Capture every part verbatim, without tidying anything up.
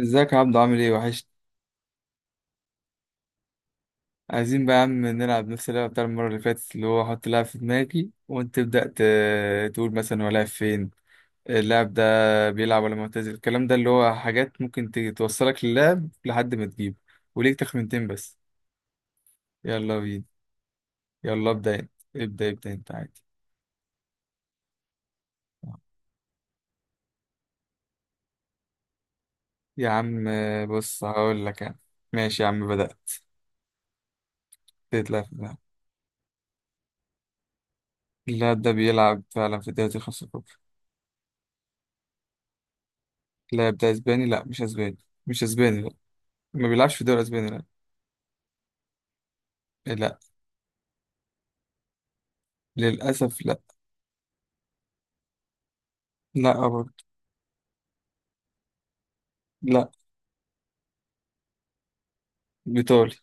ازيك يا عبدو؟ عامل ايه؟ وحش. عايزين بقى يا عم نلعب نفس اللعبة بتاع المرة اللي فاتت، اللي هو احط لاعب في دماغي وانت تبدأ ت- تقول مثلا هو لاعب فين. اللاعب ده بيلعب ولا معتزل، الكلام ده اللي هو حاجات ممكن ت- توصلك للاعب لحد ما تجيبه. وليك تخمينتين بس. يلا بينا. يلا ابدأ انت. ابدأ ابدأ انت عادي يا عم. بص هقول لك انا. ماشي يا عم، بدأت. تطلع في دماغي. اللاعب ده بيلعب فعلا في الدوري الخمسة الكبرى. اللاعب ده اسباني؟ لا مش اسباني. مش اسباني لا. ما بيلعبش في الدوري الاسباني لا. لا. للأسف لا. لا برضه. لا. بيطالي.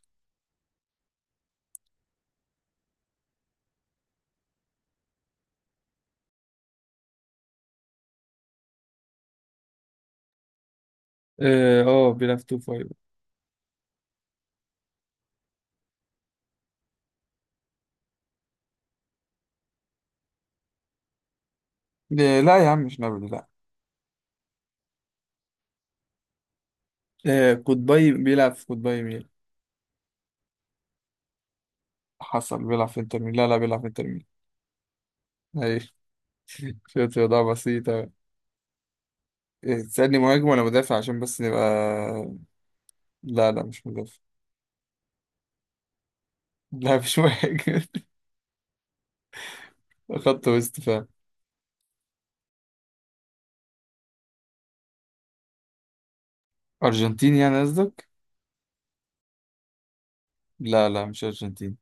اه آه، بيلعب تو فايف. لا لا يا عم، مش نابولي لا. آه، قطبي، بيلعب في قطبي ميل. حصل، بيلعب في انتر ميل. لا لا، بيلعب في انتر ميل. ايوه. شوية رياضة بسيطة. إيه، تسألني مهاجم ولا مدافع عشان بس نبقى. لا لا مش مدافع. لا مش مهاجم. خط وسط فاهم. أرجنتيني يعني قصدك؟ لا لا مش أرجنتيني.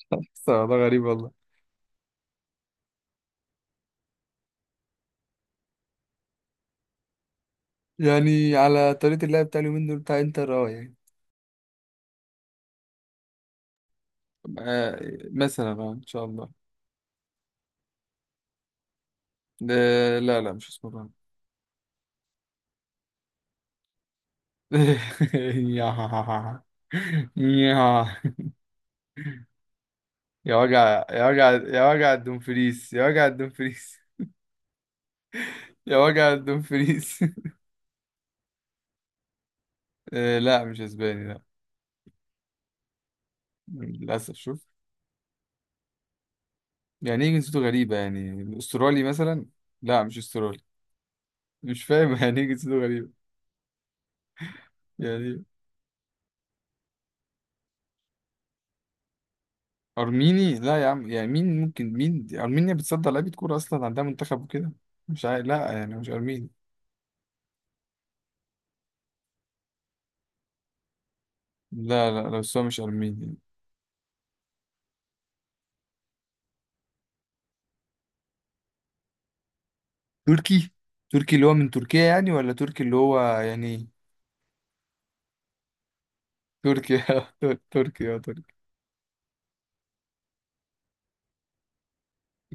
بس والله غريب والله. يعني على طريقة اللعب بتاع اليومين دول بتاع انتر اه يعني. آه، مثلا اه ان شاء الله. ده- لا لا مش اسمه بقى. يا يا يا وجع، يا وجع، يا وجع الدومفريس، يا وجع الدومفريس، يا وجع الدومفريس. آه، لا مش اسباني لا. للاسف شوف. يعني ايه جنسيته غريبه؟ يعني استرالي مثلا؟ لا مش استرالي. مش فاهم يعني ايه جنسيته غريبه؟ يعني إيه؟ ارميني؟ لا يا عم، يعني مين ممكن مين دي؟ ارمينيا بتصدر لعيبه كوره؟ اصلا عندها منتخب وكده؟ مش عارف، لا يعني مش ارميني. لا لا لا بس هو مش ارميني. تركي. تركي اللي هو من تركيا يعني ولا تركي اللي هو يعني. تركيا. تر- تركيا اه تركي.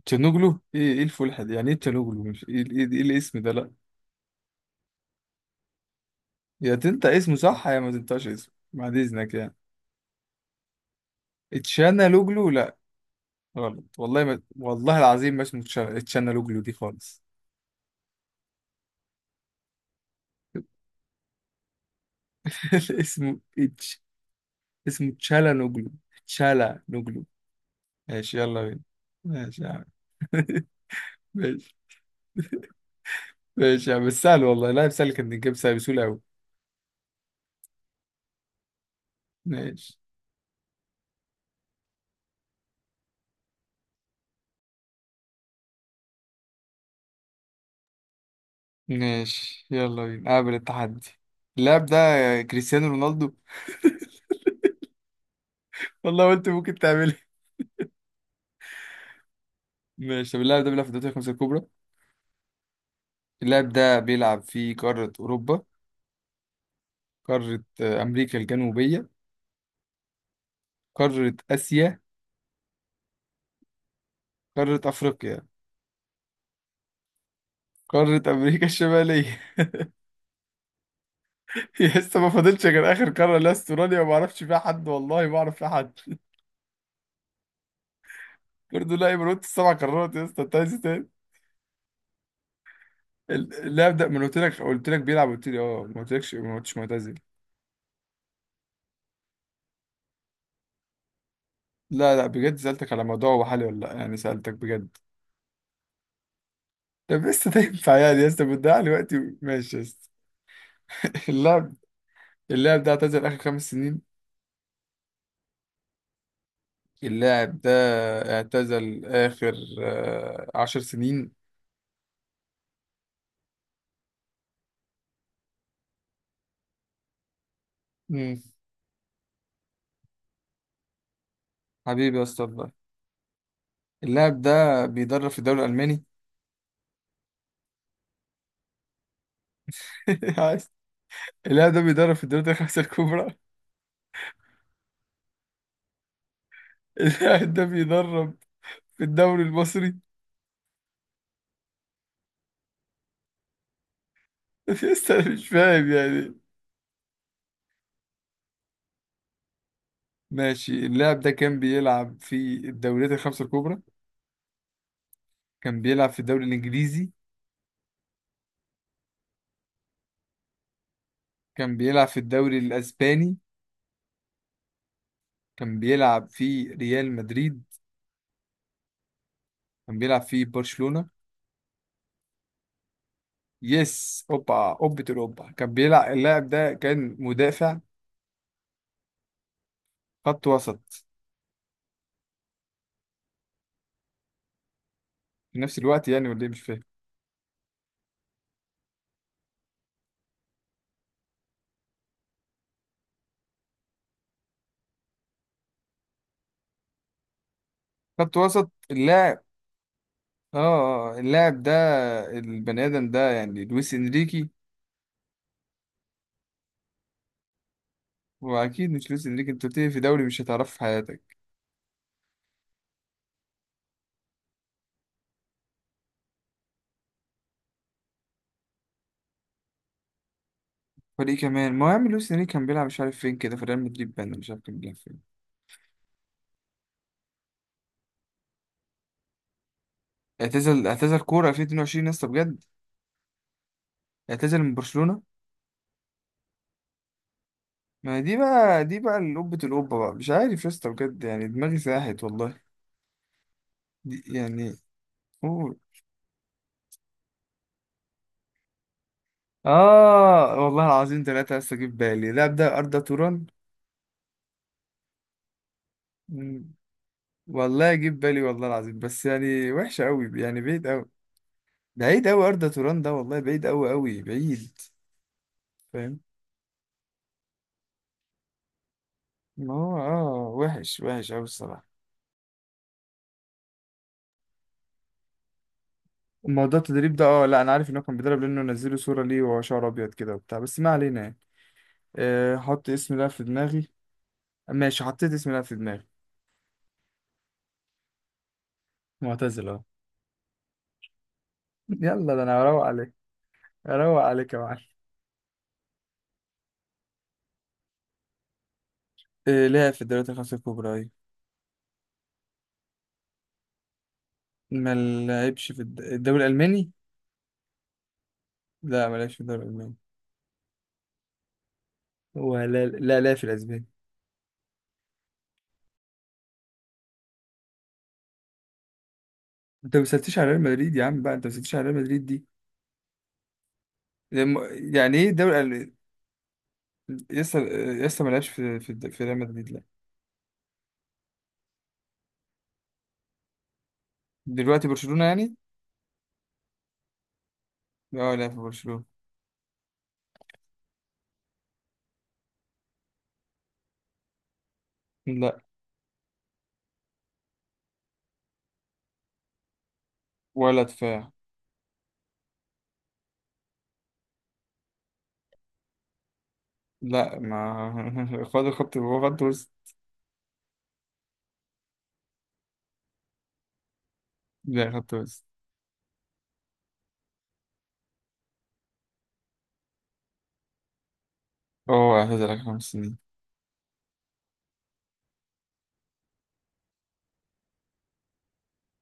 تشانوغلو؟ ايه ايه الفلحة دي؟ يعني ايه تشانوغلو؟ مش ايه, إيه, إيه الاسم ده؟ لا. يا تنطق اسمه صح يا ما تنطقش اسمه بعد اذنك يعني. اتشانالوجلو؟ لا. غلط، والله ما، والله العظيم ما اسمه تشا- اتشانالوجلو دي خالص. اسمه اتش اسمه تشالانوجلو تشالانوجلو ماشي يلا بينا. ماشي يا عم. ماشي. ماشي يا عم، بس سهل والله، لا سهل كان يتجاب، سهل بسهولة أوي. ماشي. ماشي يلا بينا، قابل التحدي. اللاعب ده كريستيانو رونالدو؟ والله قلت ممكن تعملها. ماشي. طب اللاعب ده بيلعب في الدوري الخمسة الكبرى؟ اللاعب ده بيلعب في قارة أوروبا؟ قارة آه، أمريكا الجنوبية؟ قارة آسيا؟ قارة أفريقيا؟ قارة أمريكا الشمالية؟ يا اسطى، ما فاضلش غير آخر قارة اللي هي استراليا وما أعرفش فيها حد، والله ما أعرف فيها حد. برضه لا؟ من قلت السبع قارات يا اسطى، أنت عايز إيه تاني؟ اللاعب ده؟ ما أنا قلت لك قلت لك بيلعب، قلت لي اه، ما قلتلكش ما قلتش معتزل. لا لا بجد، سألتك على موضوع هو حالي ولا لا، يعني سألتك بجد. طب لسه ده ينفع يعني يا اسطى؟ بتضيع لي وقتي ماشي يا اسطى. اللاعب اللاعب ده اعتزل آخر خمس سنين؟ اللاعب ده اعتزل آخر آه، عشر سنين؟ مم. حبيبي يا اسطى والله. اللاعب ده بيدرب في الدوري الألماني؟ عايز- اللاعب ده بيدرب في الدوري الخمسة الكبرى؟ اللاعب ده بيدرب في الدوري المصري؟ يا اسطى أنا مش فاهم يعني. ماشي. اللاعب ده كان بيلعب في الدوريات الخمسة الكبرى؟ كان بيلعب في الدوري الإنجليزي؟ كان بيلعب في الدوري الأسباني؟ كان بيلعب في ريال مدريد؟ كان بيلعب في برشلونة؟ يس، أوبا أوبة الأوبا. كان بيلعب اللاعب ده كان مدافع؟ خط وسط؟ في نفس الوقت يعني ولا إيه، مش فاهم. خط وسط اللاعب. آه آه، اللاعب ده، البني آدم ده يعني لويس إنريكي؟ وأكيد مش لويس إنريكي، أنت بتيجي في دوري مش هتعرفه في حياتك. فريق كمان، ما هو يا عم لويس إنريكي كان بيلعب مش عارف فين، كده في ريال مدريد بان، مش عارف كان بيلعب فين. اعتزل اعتزل كورة ألفين واتنين وعشرين يا اسطى بجد؟ اعتزل من برشلونة؟ ما هي دي بقى، دي بقى القبة، القبة بقى، مش عارف يا اسطى بجد، يعني دماغي ساحت والله. دي يعني. قول. اه، والله العظيم ثلاثة يا اسطى، جيب بالي، لا ده أردا توران. مم. والله جيب بالي والله العظيم، بس يعني وحشة قوي يعني، بعيد قوي. بعيد قوي، أردا توران ده والله بعيد قوي قوي بعيد. فاهم. ما هو اه وحش وحش قوي الصراحة. موضوع التدريب ده اه لا انا عارف ان هو كان بيدرب، لانه نزلوا صورة ليه وهو شعره ابيض كده وبتاع، بس ما علينا يعني. آه، حط اسم لاعب في دماغي. ماشي، حطيت اسم لاعب في دماغي. معتزل اه. يلا ده انا هروق عليك. هروق عليك يا معلم. آه، لعب في الدوريات الخمسة الكبرى أيوة. ما لعبش في الد- الدوري الألماني؟ لا ما لعبش في الدوري الألماني. ولا. لا لا في الأسباني. أنت ما سألتش على ريال مدريد يا عم بقى، أنت ما سألتش على ريال مدريد دي. لم- يعني إيه الدوري الأل- لسه لسه ما لعبش في في, الد- في ريال مدريد لا. دلوقتي برشلونة يعني. لا لا في برشلونة. لا. ولا دفاع. لا ما خد الخط، هو خط وسط. لا خدت بس. هو اعتزل آخر خمس سنين.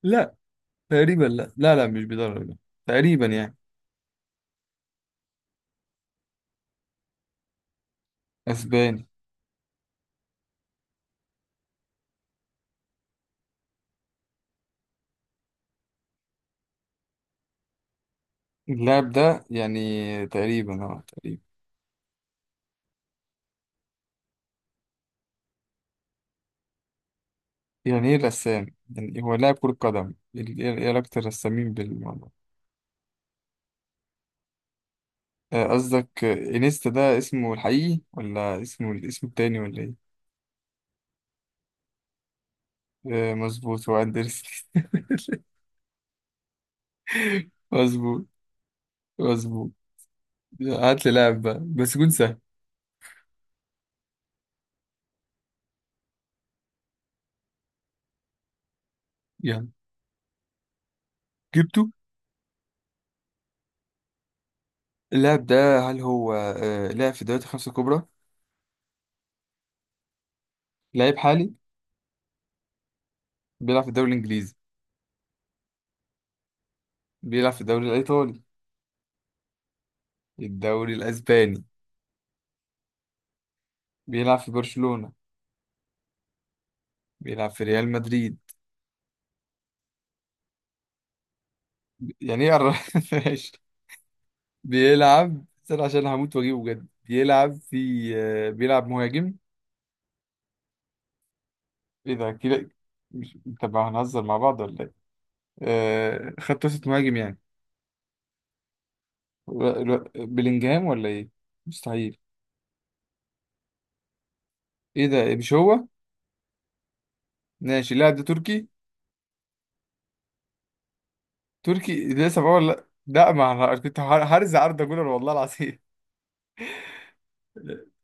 لا تقريبا، لا لا لا مش بيدرب لا. تقريبا يعني. اسباني. اللاعب ده يعني تقريبا اه تقريبا. يعني ايه رسام؟ يعني هو لاعب كرة قدم ال- ايه إيه علاقة الرسامين بالموضوع؟ آه، قصدك انيستا ده اسمه الحقيقي ولا اسمه الاسم التاني ولا ايه؟ آه، مظبوط، هو اندرسون. مظبوط. مظبوط. هات لي لاعب بقى بس يكون سهل يعني. جبته؟ اللاعب ده هل هو آه، لاعب في الدوريات الخمسة الكبرى؟ لعيب حالي؟ بيلعب في الدوري الإنجليزي؟ بيلعب في الدوري الإيطالي؟ الدوري الأسباني؟ بيلعب في برشلونة؟ بيلعب في ريال مدريد؟ يعني إيه قرر- ماشي. بيلعب، استنى عشان هموت وأجيبه بجد، بيلعب في آه، بيلعب مهاجم؟ إيه ده كده، مش، طب هنهزر مع بعض ولا إيه؟ آه، خط وسط مهاجم يعني. و- و- بلينجهام ولا إيه؟ مستحيل. إيه ده، إيه، مش هو؟ ماشي. اللاعب ده تركي؟ تركي ده لسه بقول، لا لا ما أنا كنت هرزع أردا جولر والله العظيم.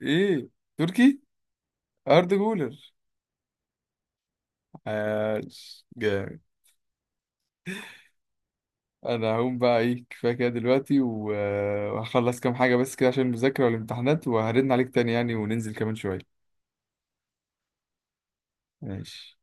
ايه. تركي. ارض جولر. عاش جامد. انا هقوم بقى، ايه كفايه كده دلوقتي و- وهخلص كام حاجه بس كده عشان المذاكره والامتحانات، وهرن عليك تاني يعني وننزل كمان شويه. ماشي.